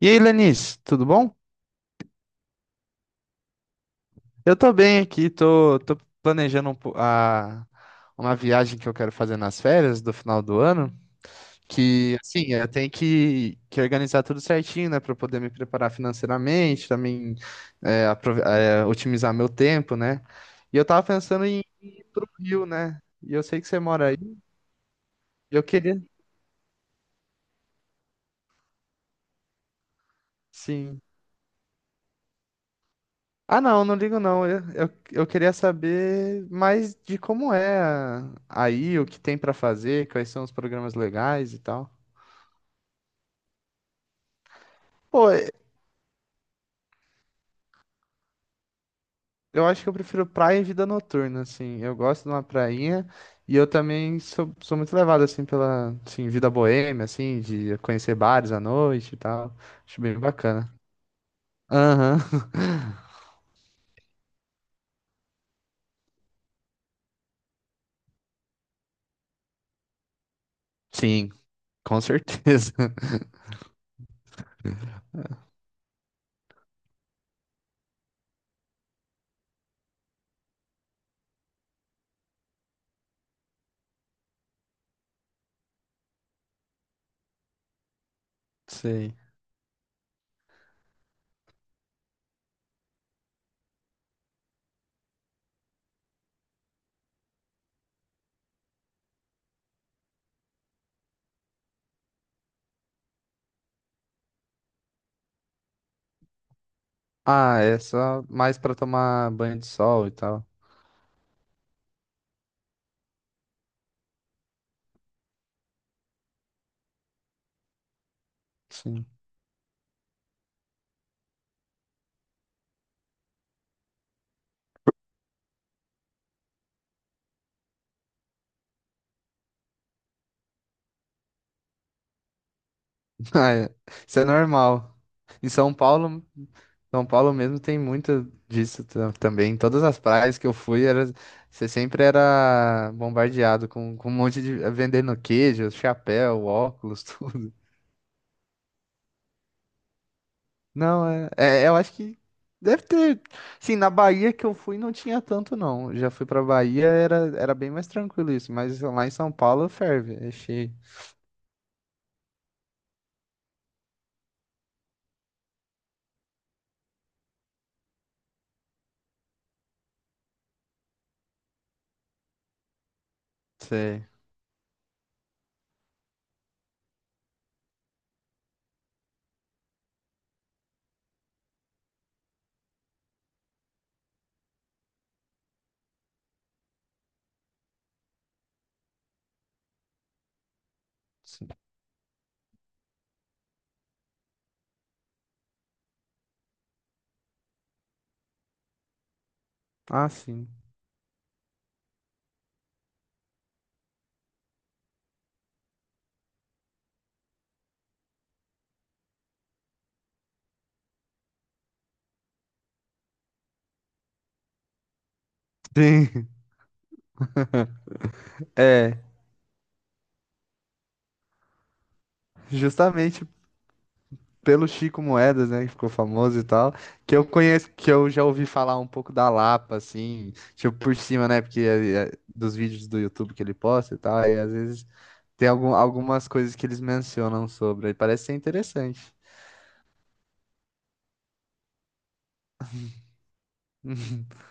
E aí, Lenice, tudo bom? Eu tô bem aqui, tô planejando uma viagem que eu quero fazer nas férias do final do ano, que, assim, eu tenho que organizar tudo certinho, né, para poder me preparar financeiramente, também é, otimizar meu tempo, né? E eu tava pensando em ir pro Rio, né? E eu sei que você mora aí, e eu queria, sim. Ah, não, não ligo não. Eu queria saber mais de aí, o que tem pra fazer, quais são os programas legais e tal. Pô, e- eu acho que eu prefiro praia e vida noturna, assim. Eu gosto de uma prainha e eu também sou muito levado, assim, assim, vida boêmia, assim, de conhecer bares à noite e tal. Acho bem bacana. Aham. Sim, com certeza. Sim. Ah, é só mais pra tomar banho de sol e tal. Sim. Ah, é. Isso é normal. Em São Paulo, São Paulo mesmo tem muito também. Em todas as praias que eu fui, era, você sempre era bombardeado com um monte de vendendo queijo, chapéu, óculos, tudo. Não, eu acho que deve ter. Sim, na Bahia que eu fui não tinha tanto, não. Eu já fui pra Bahia, era bem mais tranquilo isso. Mas lá em São Paulo ferve, é cheio. Sei. Sim. Ah, sim. Sim, é. Justamente pelo Chico Moedas, né, que ficou famoso e tal, que eu conheço, que eu já ouvi falar um pouco da Lapa, assim, tipo por cima, né, porque é dos vídeos do YouTube que ele posta e tal, e às vezes tem algumas coisas que eles mencionam sobre, aí parece ser interessante.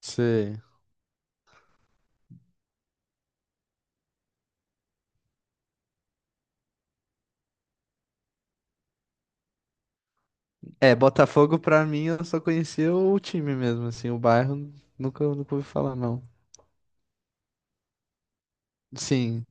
Sei. É, Botafogo pra mim eu só conhecia o time mesmo, assim, o bairro nunca ouvi falar, não. Sim.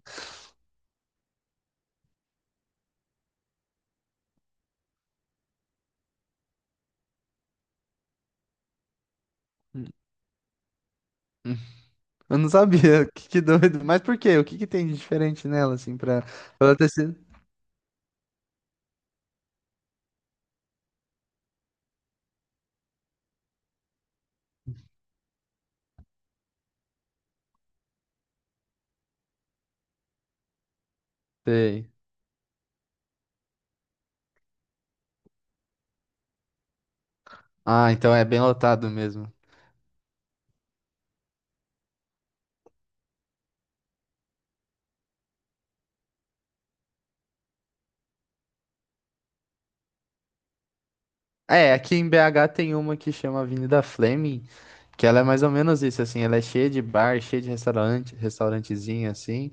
Eu não sabia, que doido. Mas por quê? O que que tem de diferente nela, assim, pra ela ter sido? Sei. Ah, então é bem lotado mesmo. É, aqui em BH tem uma que chama Avenida Fleming, que ela é mais ou menos isso, assim, ela é cheia de bar, cheia de restaurante, restaurantezinho, assim.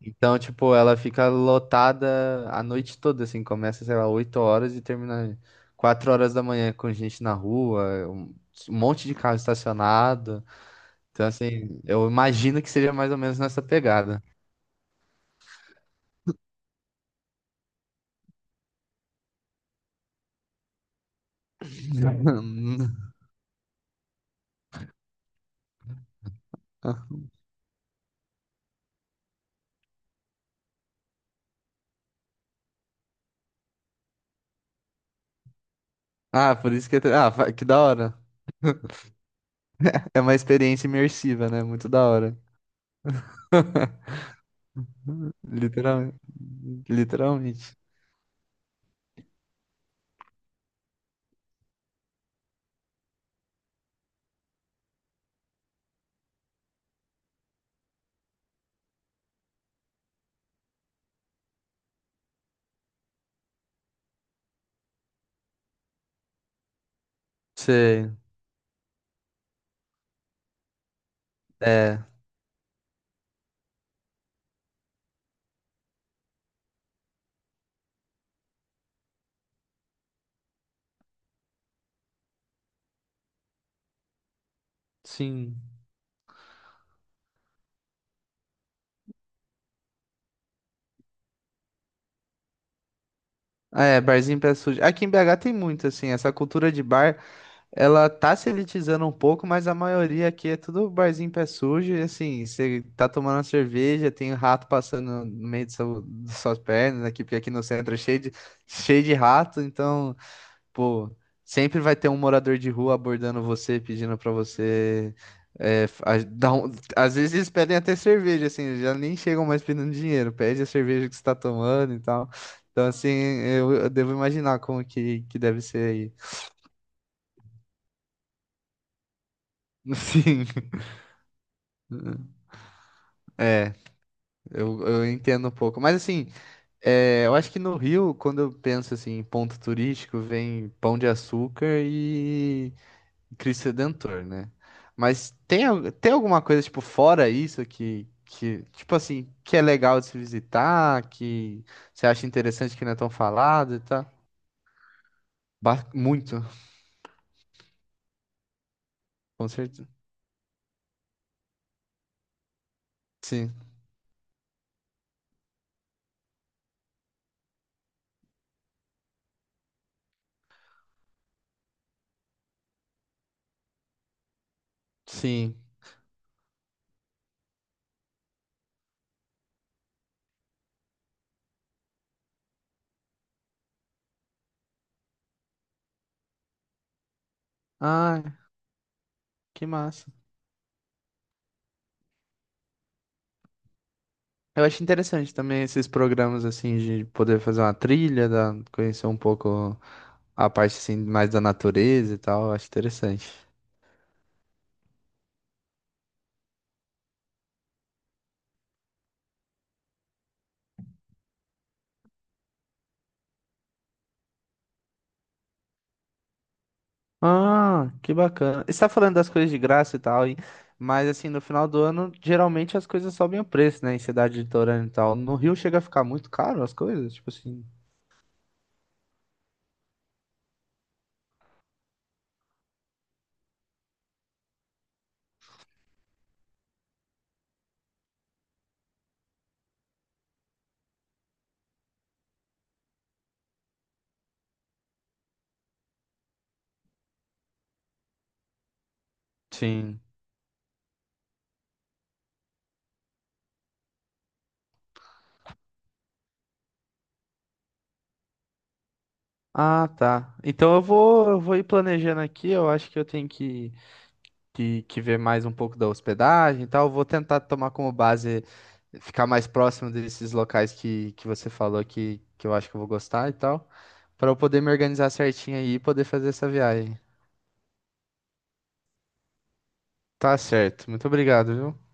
Então, tipo, ela fica lotada a noite toda, assim, começa, sei lá, 8 horas e termina 4 horas da manhã com gente na rua, um monte de carro estacionado. Então, assim, eu imagino que seja mais ou menos nessa pegada. Ah, por isso que... Ah, que da hora. É uma experiência imersiva, né? Muito da hora. Literalmente. Literalmente. Você. É. Sim. Ah, é, barzinho pé sujo. Aqui em BH tem muito, assim, essa cultura de bar, ela tá se elitizando um pouco, mas a maioria aqui é tudo barzinho pé sujo, e assim, você tá tomando uma cerveja, tem um rato passando no meio das suas pernas aqui, porque aqui no centro é cheio de rato, então Pô, sempre vai ter um morador de rua abordando você, pedindo pra você. é, f- a- dar um- Às vezes eles pedem até cerveja, assim, já nem chegam mais pedindo dinheiro, pede a cerveja que você tá tomando e tal. Então, assim, eu devo imaginar como que deve ser aí. Sim. É, eu entendo um pouco. Mas assim, é, eu acho que no Rio, quando eu penso assim, em ponto turístico, vem Pão de Açúcar e Cristo Redentor, né? Mas tem, tem alguma coisa, tipo, fora isso tipo assim, que é legal de se visitar, que você acha interessante que não é tão falado e tal? Muito, com certeza. Sim, sim. Ah, que massa. Eu acho interessante também esses programas, assim, de poder fazer uma trilha, conhecer um pouco a parte, assim, mais da natureza e tal. Eu acho interessante. Ah, que bacana. Você tá falando das coisas de graça e tal, mas assim, no final do ano, geralmente as coisas sobem o preço, né, em cidade litorânea e tal. No Rio chega a ficar muito caro as coisas, tipo assim. Sim. Ah, tá. Então eu vou ir planejando aqui. Eu acho que eu tenho que ver mais um pouco da hospedagem e tal. Eu vou tentar tomar como base ficar mais próximo desses locais que você falou que eu acho que eu vou gostar e tal, para eu poder me organizar certinho aí e poder fazer essa viagem. Tá certo. Muito obrigado, viu?